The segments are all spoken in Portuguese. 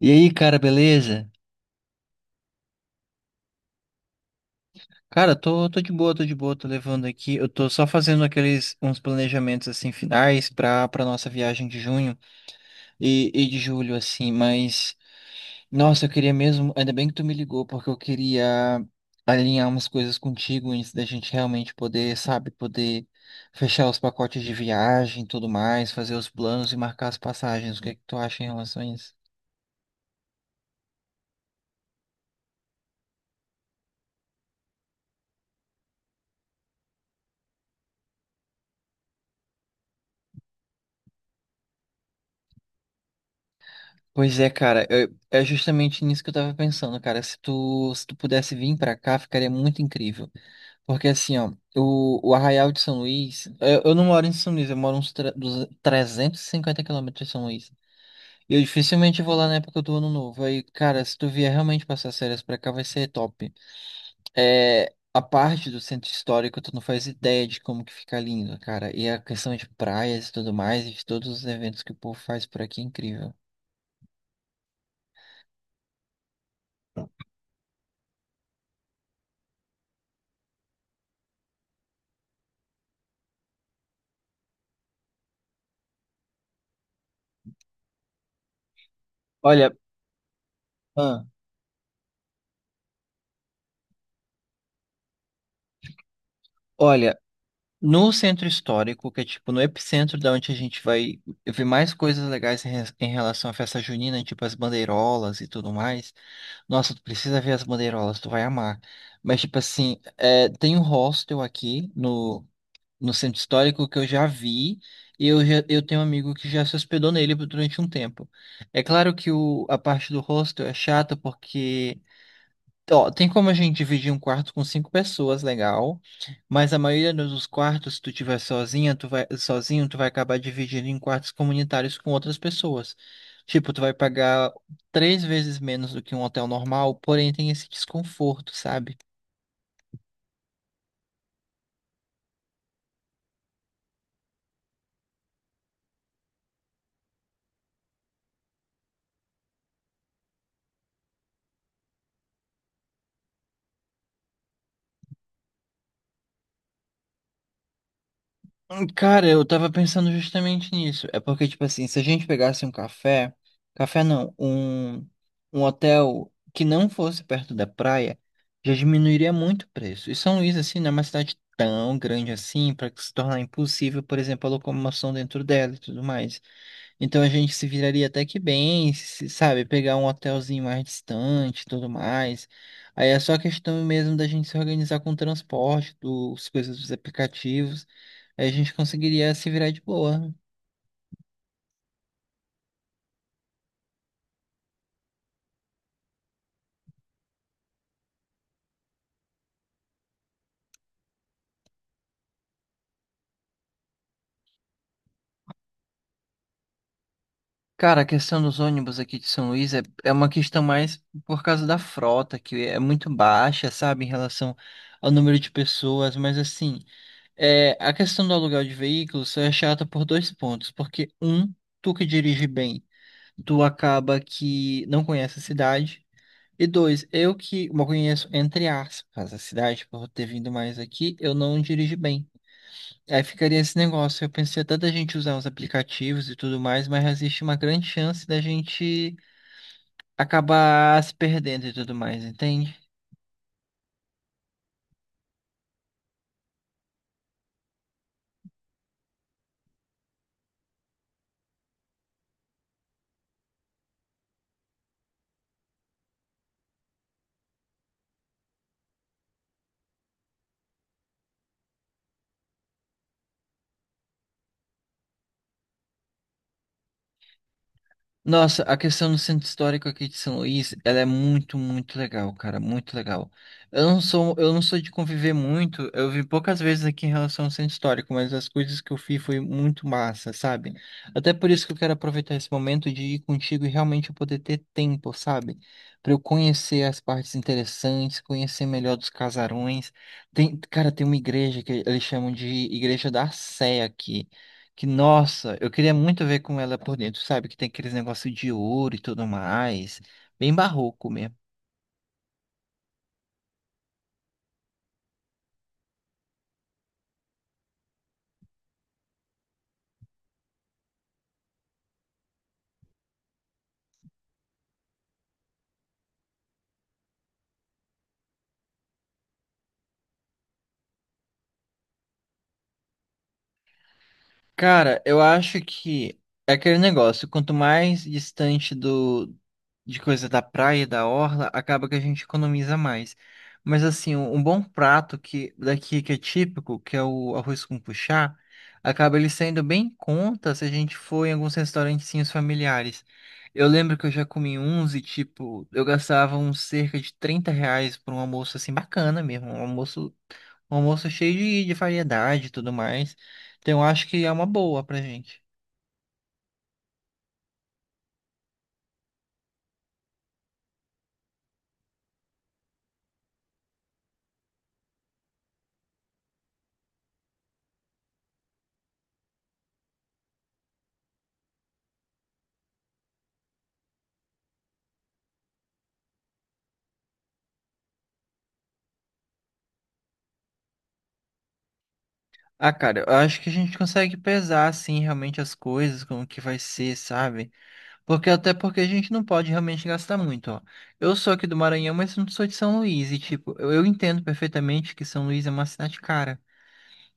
E aí, cara, beleza? Cara, tô de boa, tô levando aqui. Eu tô só fazendo aqueles uns planejamentos assim finais pra nossa viagem de junho e de julho, assim, mas nossa, eu queria mesmo, ainda bem que tu me ligou, porque eu queria alinhar umas coisas contigo antes da gente realmente poder, sabe, poder fechar os pacotes de viagem e tudo mais, fazer os planos e marcar as passagens. O que é que tu acha em relação a isso? Pois é, cara, é justamente nisso que eu tava pensando, cara. Se tu pudesse vir pra cá, ficaria muito incrível. Porque assim, ó, o Arraial de São Luís, eu não moro em São Luís, eu moro uns 350 quilômetros de São Luís. E eu dificilmente vou lá na época do ano novo. Aí, cara, se tu vier realmente passar as férias pra cá, vai ser top. É, a parte do centro histórico, tu não faz ideia de como que fica lindo, cara. E a questão de praias e tudo mais, e de todos os eventos que o povo faz por aqui é incrível. Olha, ah, olha. No centro histórico, que é tipo no epicentro da onde a gente vai ver mais coisas legais em, em relação à festa junina, tipo as bandeirolas e tudo mais. Nossa, tu precisa ver as bandeirolas, tu vai amar. Mas tipo assim, é, tem um hostel aqui no centro histórico que eu já vi e eu tenho um amigo que já se hospedou nele durante um tempo. É claro que a parte do hostel é chata porque ó, tem como a gente dividir um quarto com 5 pessoas, legal. Mas a maioria dos quartos, se tu tiver sozinha, tu vai sozinho, tu vai acabar dividindo em quartos comunitários com outras pessoas. Tipo, tu vai pagar 3 vezes menos do que um hotel normal, porém tem esse desconforto, sabe? Cara, eu tava pensando justamente nisso. É porque, tipo assim, se a gente pegasse um café, café não, um hotel que não fosse perto da praia, já diminuiria muito o preço. E São Luís, assim, não é uma cidade tão grande assim, para se tornar impossível, por exemplo, a locomoção dentro dela e tudo mais. Então a gente se viraria até que bem, sabe? Pegar um hotelzinho mais distante e tudo mais. Aí é só questão mesmo da gente se organizar com o transporte, dos coisas dos aplicativos. Aí a gente conseguiria se virar de boa. Cara, a questão dos ônibus aqui de São Luís é uma questão mais por causa da frota, que é muito baixa, sabe, em relação ao número de pessoas, mas assim, é, a questão do aluguel de veículos só é chata por dois pontos, porque um, tu que dirige bem. Tu acaba que não conhece a cidade. E dois, eu que uma conheço, entre aspas, a cidade, por ter vindo mais aqui, eu não dirijo bem. Aí ficaria esse negócio. Eu pensei até da gente usar os aplicativos e tudo mais, mas existe uma grande chance da gente acabar se perdendo e tudo mais, entende? Nossa, a questão do centro histórico aqui de São Luís, ela é muito, muito legal, cara, muito legal. Eu não sou de conviver muito, eu vi poucas vezes aqui em relação ao centro histórico, mas as coisas que eu fiz foi muito massa, sabe? Até por isso que eu quero aproveitar esse momento de ir contigo e realmente eu poder ter tempo, sabe? Pra eu conhecer as partes interessantes, conhecer melhor dos casarões. Tem, cara, tem uma igreja que eles chamam de Igreja da Sé aqui. Que, nossa, eu queria muito ver com ela por dentro, sabe? Que tem aqueles negócios de ouro e tudo mais. Bem barroco mesmo. Cara, eu acho que é aquele negócio, quanto mais distante do de coisa da praia, e da orla, acaba que a gente economiza mais. Mas assim, um bom prato que daqui que é típico, que é o arroz com puxá, acaba ele saindo bem em conta se a gente for em alguns restaurantezinhos familiares. Eu lembro que eu já comi uns e tipo, eu gastava uns cerca de 30 reais por um almoço assim bacana mesmo, um almoço cheio de variedade e tudo mais. Então, eu acho que é uma boa pra gente. Ah, cara, eu acho que a gente consegue pesar, assim, realmente as coisas, como que vai ser, sabe? Porque até porque a gente não pode realmente gastar muito, ó. Eu sou aqui do Maranhão, mas não sou de São Luís, e, tipo, eu entendo perfeitamente que São Luís é uma cidade cara,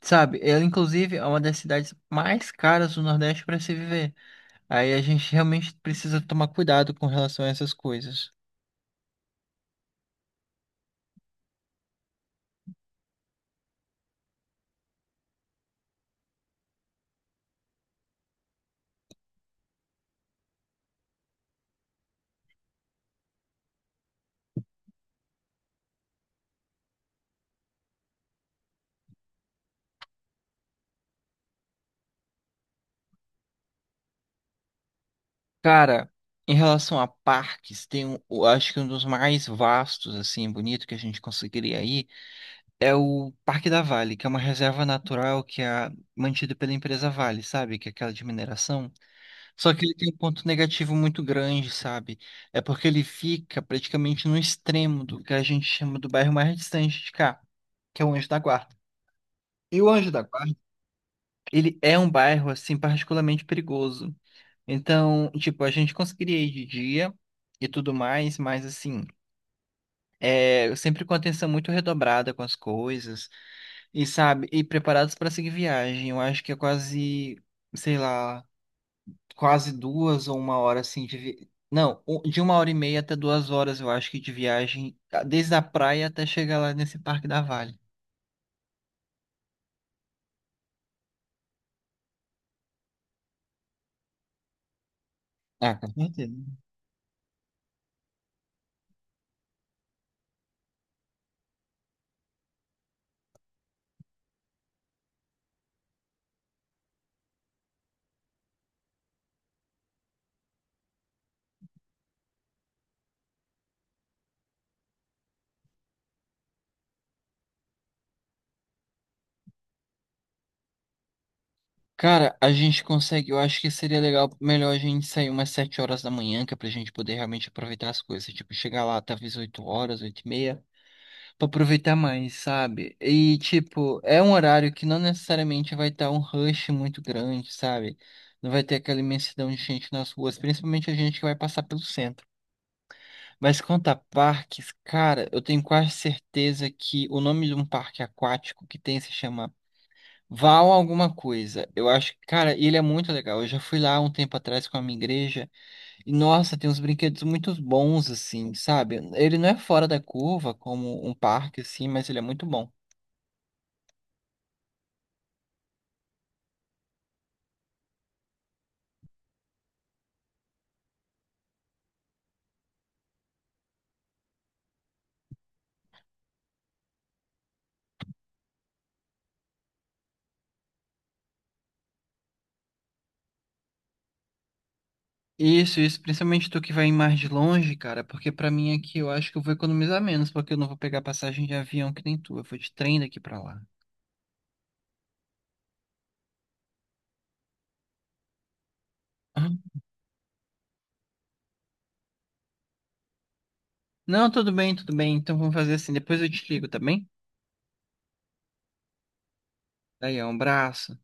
sabe? Ela, inclusive, é uma das cidades mais caras do Nordeste para se viver. Aí a gente realmente precisa tomar cuidado com relação a essas coisas. Cara, em relação a parques, tem um, eu acho que um dos mais vastos, assim, bonito que a gente conseguiria ir é o Parque da Vale, que é uma reserva natural que é mantida pela empresa Vale, sabe? Que é aquela de mineração. Só que ele tem um ponto negativo muito grande, sabe? É porque ele fica praticamente no extremo do que a gente chama do bairro mais distante de cá, que é o Anjo da Guarda. E o Anjo da Guarda, ele é um bairro, assim, particularmente perigoso. Então, tipo, a gente conseguiria ir de dia e tudo mais, mas assim, é, eu sempre com atenção muito redobrada com as coisas e sabe, e preparados para seguir viagem. Eu acho que é quase, sei lá, quase duas ou uma hora assim de vi... Não, de uma hora e meia até duas horas, eu acho que de viagem, desde a praia até chegar lá nesse Parque da Vale. Ah, com certeza. Cara, a gente consegue. Eu acho que seria legal, melhor a gente sair umas 7 horas da manhã, que é pra gente poder realmente aproveitar as coisas. Tipo, chegar lá talvez 8 horas, 8 e meia, pra aproveitar mais, sabe? E, tipo, é um horário que não necessariamente vai estar um rush muito grande, sabe? Não vai ter aquela imensidão de gente nas ruas, principalmente a gente que vai passar pelo centro. Mas quanto a parques, cara, eu tenho quase certeza que o nome de um parque aquático que tem se chama Val alguma coisa. Eu acho que, cara, ele é muito legal. Eu já fui lá um tempo atrás com a minha igreja e, nossa, tem uns brinquedos muito bons, assim, sabe? Ele não é fora da curva, como um parque, assim, mas ele é muito bom. Isso, principalmente tu que vai mais de longe, cara, porque pra mim aqui eu acho que eu vou economizar menos, porque eu não vou pegar passagem de avião que nem tu. Eu vou de trem daqui pra lá. Ah, não, tudo bem, tudo bem. Então vamos fazer assim. Depois eu te ligo, tá bem? Daí, ó, um abraço.